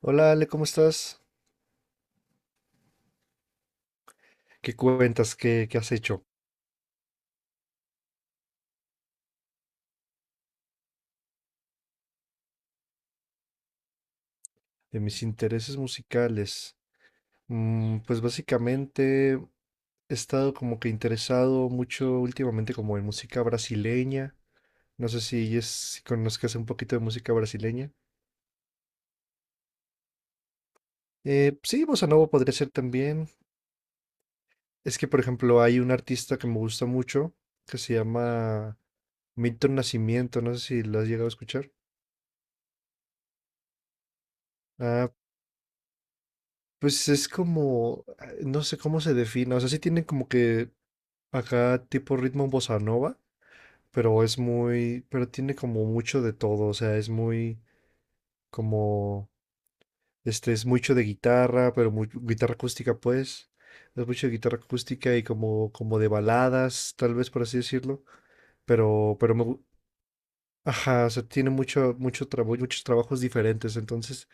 Hola Ale, ¿cómo estás? ¿Qué cuentas? ¿Qué has hecho? De mis intereses musicales. Pues básicamente he estado como que interesado mucho últimamente como en música brasileña. No sé si conozcas un poquito de música brasileña. Sí, bossa nova podría ser también. Es que, por ejemplo, hay un artista que me gusta mucho que se llama Milton Nascimento. No sé si lo has llegado a escuchar. Ah, pues es como, no sé cómo se define, o sea, sí tiene como que acá tipo ritmo bossa nova, pero es muy, pero tiene como mucho de todo, o sea, es muy como, es mucho de guitarra, pero muy, guitarra acústica pues, es mucho de guitarra acústica y como, como de baladas, tal vez por así decirlo, pero ajá, o sea, tiene mucho trabajo, muchos trabajos diferentes, entonces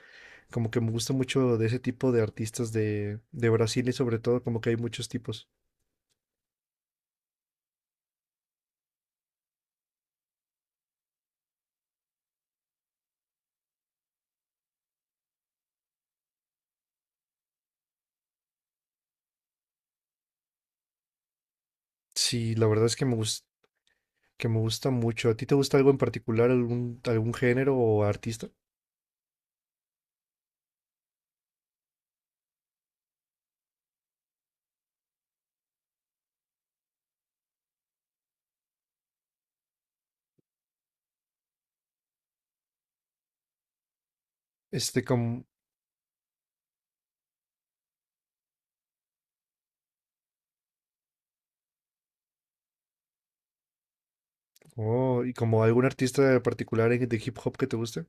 como que me gusta mucho de ese tipo de artistas de Brasil y sobre todo como que hay muchos tipos. Sí, la verdad es que me gusta mucho. ¿A ti te gusta algo en particular, algún género o artista? Este como, oh, y como algún artista particular de hip hop que te guste.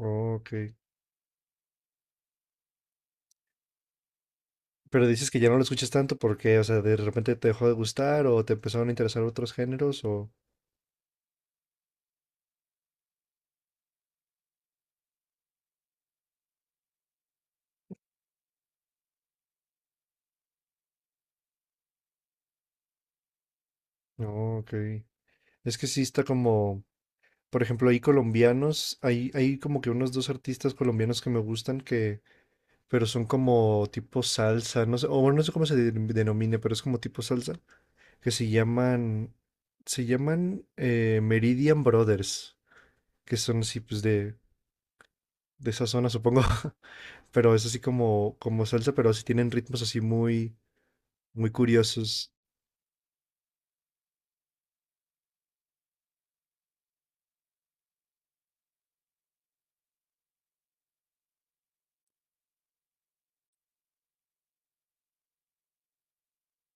Oh, ok. Pero dices que ya no lo escuchas tanto porque, o sea, de repente te dejó de gustar o te empezaron a interesar otros géneros o... No, ok. Es que sí está como, por ejemplo, hay colombianos, hay como que unos dos artistas colombianos que me gustan que, pero son como tipo salsa, no sé, o bueno, no sé cómo denomine, pero es como tipo salsa, que se llaman Meridian Brothers, que son así pues de esa zona, supongo. Pero es así como, como salsa, pero así tienen ritmos así muy, muy curiosos.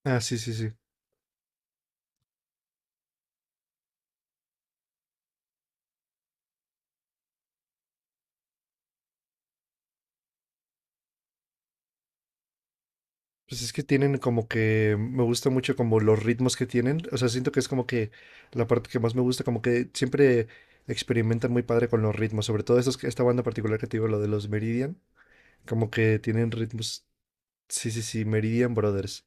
Ah, sí, sí, sí. Pues es que tienen como que me gusta mucho como los ritmos que tienen. O sea, siento que es como que la parte que más me gusta, como que siempre experimentan muy padre con los ritmos. Sobre todo estos, esta banda particular que te digo, lo de los Meridian, como que tienen ritmos. Sí, sí, sí, Meridian Brothers.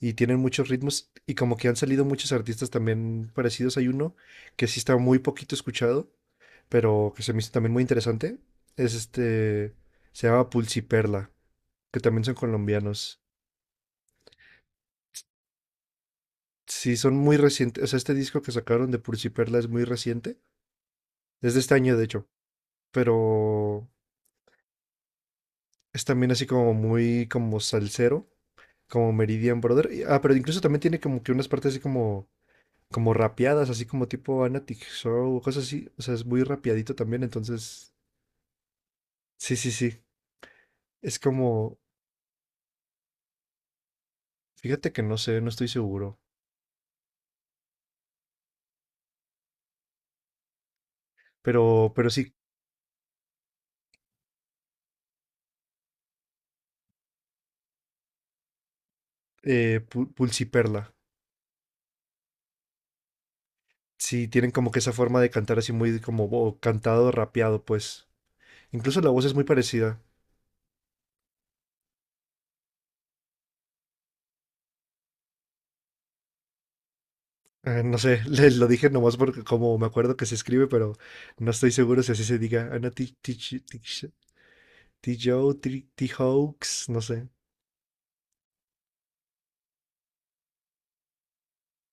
Y tienen muchos ritmos y como que han salido muchos artistas también parecidos. Hay uno que sí está muy poquito escuchado, pero que se me hizo también muy interesante. Es este, se llama Pulsiperla, que también son colombianos. Sí, son muy recientes. O sea, este disco que sacaron de Pursi Perla es muy reciente. Es de este año, de hecho. Pero es también así como muy como salsero, como Meridian Brother. Ah, pero incluso también tiene como que unas partes así como, como rapeadas, así como tipo Anatic Show, cosas así. O sea, es muy rapeadito también. Entonces, sí, sí, sí. Es como, fíjate que no sé, no estoy seguro. Pero sí, Pulsi Perla. Sí, tienen como que esa forma de cantar así muy como cantado, rapeado, pues. Incluso la voz es muy parecida. No sé, lo dije nomás porque como me acuerdo que se escribe, pero no estoy seguro si así se diga. Ana Joe, Hawks, no sé.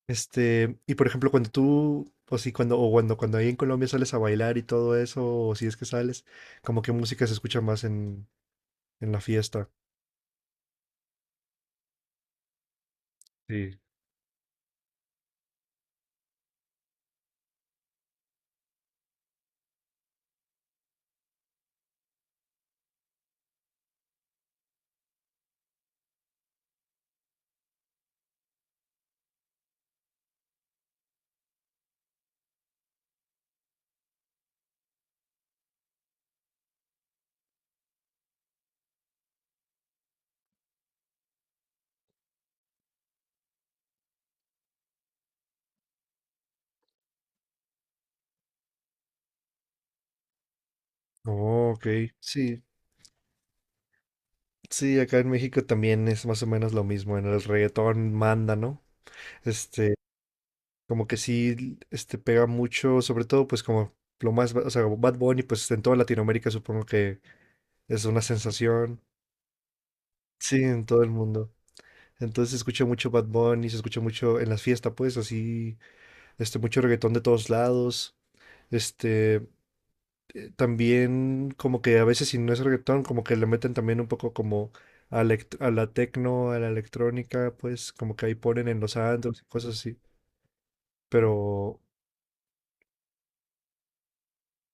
Este, y por ejemplo, cuando tú, o si cuando, o cuando, cuando ahí en Colombia sales a bailar y todo eso, o si es que sales, como que música se escucha más en la fiesta. Sí. Oh, ok. Sí, sí, acá en México también es más o menos lo mismo. En el reggaetón manda, ¿no? Este, como que sí, este pega mucho, sobre todo, pues como lo más, o sea, Bad Bunny, pues en toda Latinoamérica supongo que es una sensación. Sí, en todo el mundo. Entonces se escucha mucho Bad Bunny, se escucha mucho en las fiestas, pues así, este, mucho reggaetón de todos lados. Este, también como que a veces si no es reggaetón, como que le meten también un poco como a la tecno, a la electrónica, pues como que ahí ponen en los antros y cosas así. Pero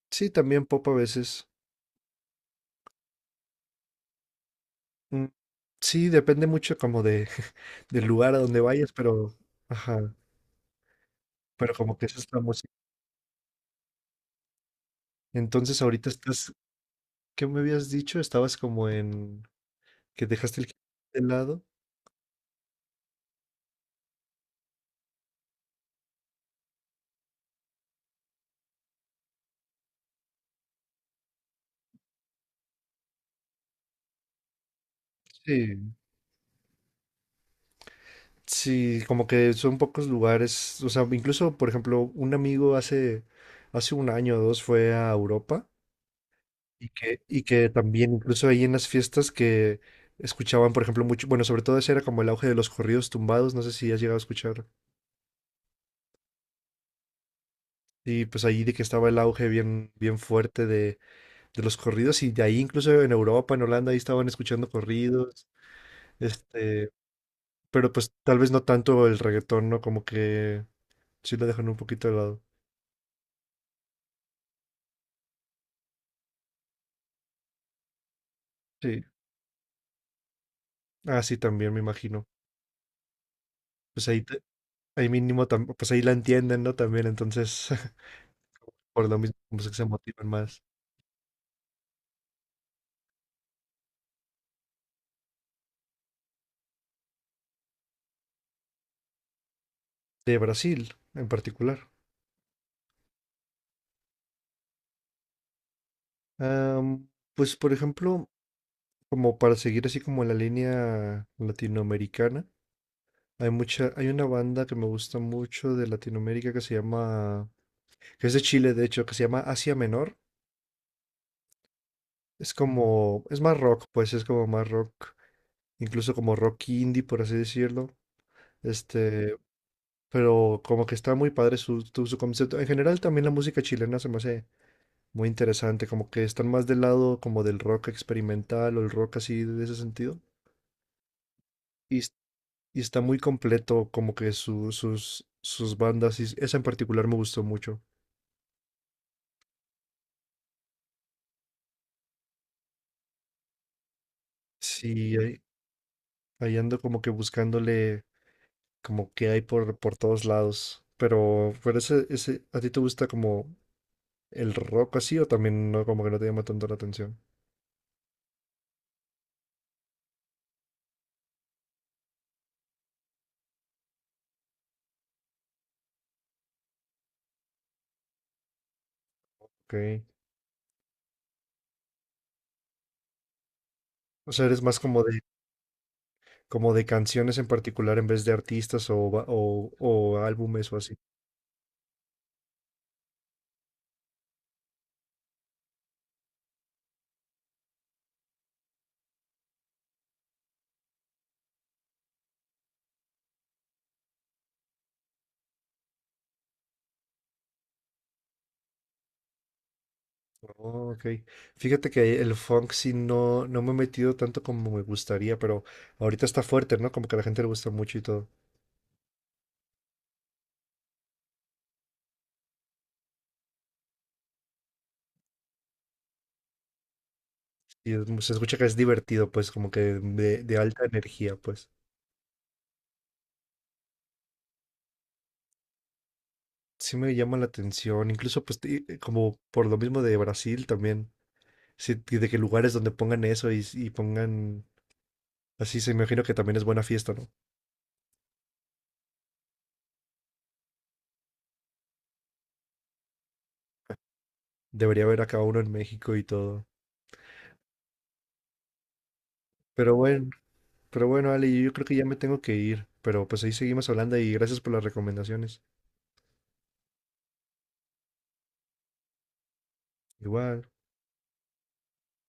sí, también pop a veces. Mm, sí, depende mucho como de, del lugar a donde vayas, pero, ajá, pero como que esa es la música. Entonces ahorita estás, ¿qué me habías dicho? Estabas como en, que dejaste el hip hop de lado. Sí. Sí, como que son pocos lugares, o sea, incluso, por ejemplo, un amigo hace un año o dos fue a Europa y que también incluso ahí en las fiestas que escuchaban, por ejemplo, mucho, bueno, sobre todo ese era como el auge de los corridos tumbados, no sé si has llegado a escuchar, y pues ahí de que estaba el auge bien, bien fuerte de los corridos y de ahí incluso en Europa, en Holanda, ahí estaban escuchando corridos, este, pero pues tal vez no tanto el reggaetón, ¿no? Como que sí lo dejan un poquito de lado. Sí. Ah, sí, también me imagino. Pues ahí, ahí mínimo, pues ahí la entienden, ¿no? También, entonces, por lo mismo, como que se motivan más. De Brasil, en particular. Am, pues, por ejemplo, como para seguir así como la línea latinoamericana, hay mucha, hay una banda que me gusta mucho de Latinoamérica que se llama, que es de Chile, de hecho, que se llama Asia Menor. Es como, es más rock, pues es como más rock incluso como rock indie, por así decirlo. Este, pero como que está muy padre su concepto. En general también la música chilena se me hace muy interesante, como que están más del lado como del rock experimental o el rock así de ese sentido. Y, es- y está muy completo como que sus bandas, y esa en particular me gustó mucho. Sí, ahí ando como que buscándole como que hay por todos lados. Pero ese, ¿a ti te gusta como el rock así o también no, como que no te llama tanto la atención? Ok. O sea, eres más como de, como de canciones en particular en vez de artistas o o álbumes o así. Oh, ok. Fíjate que el funk sí no, no me he metido tanto como me gustaría, pero ahorita está fuerte, ¿no? Como que a la gente le gusta mucho y todo. Se escucha que es divertido, pues, como que de alta energía, pues. Sí me llama la atención, incluso pues como por lo mismo de Brasil también. Sí, y de que lugares donde pongan eso y pongan así, se imagino que también es buena fiesta, ¿no? Debería haber acá uno en México y todo. Pero bueno. Pero bueno, Ale, yo creo que ya me tengo que ir, pero pues ahí seguimos hablando y gracias por las recomendaciones. Igual.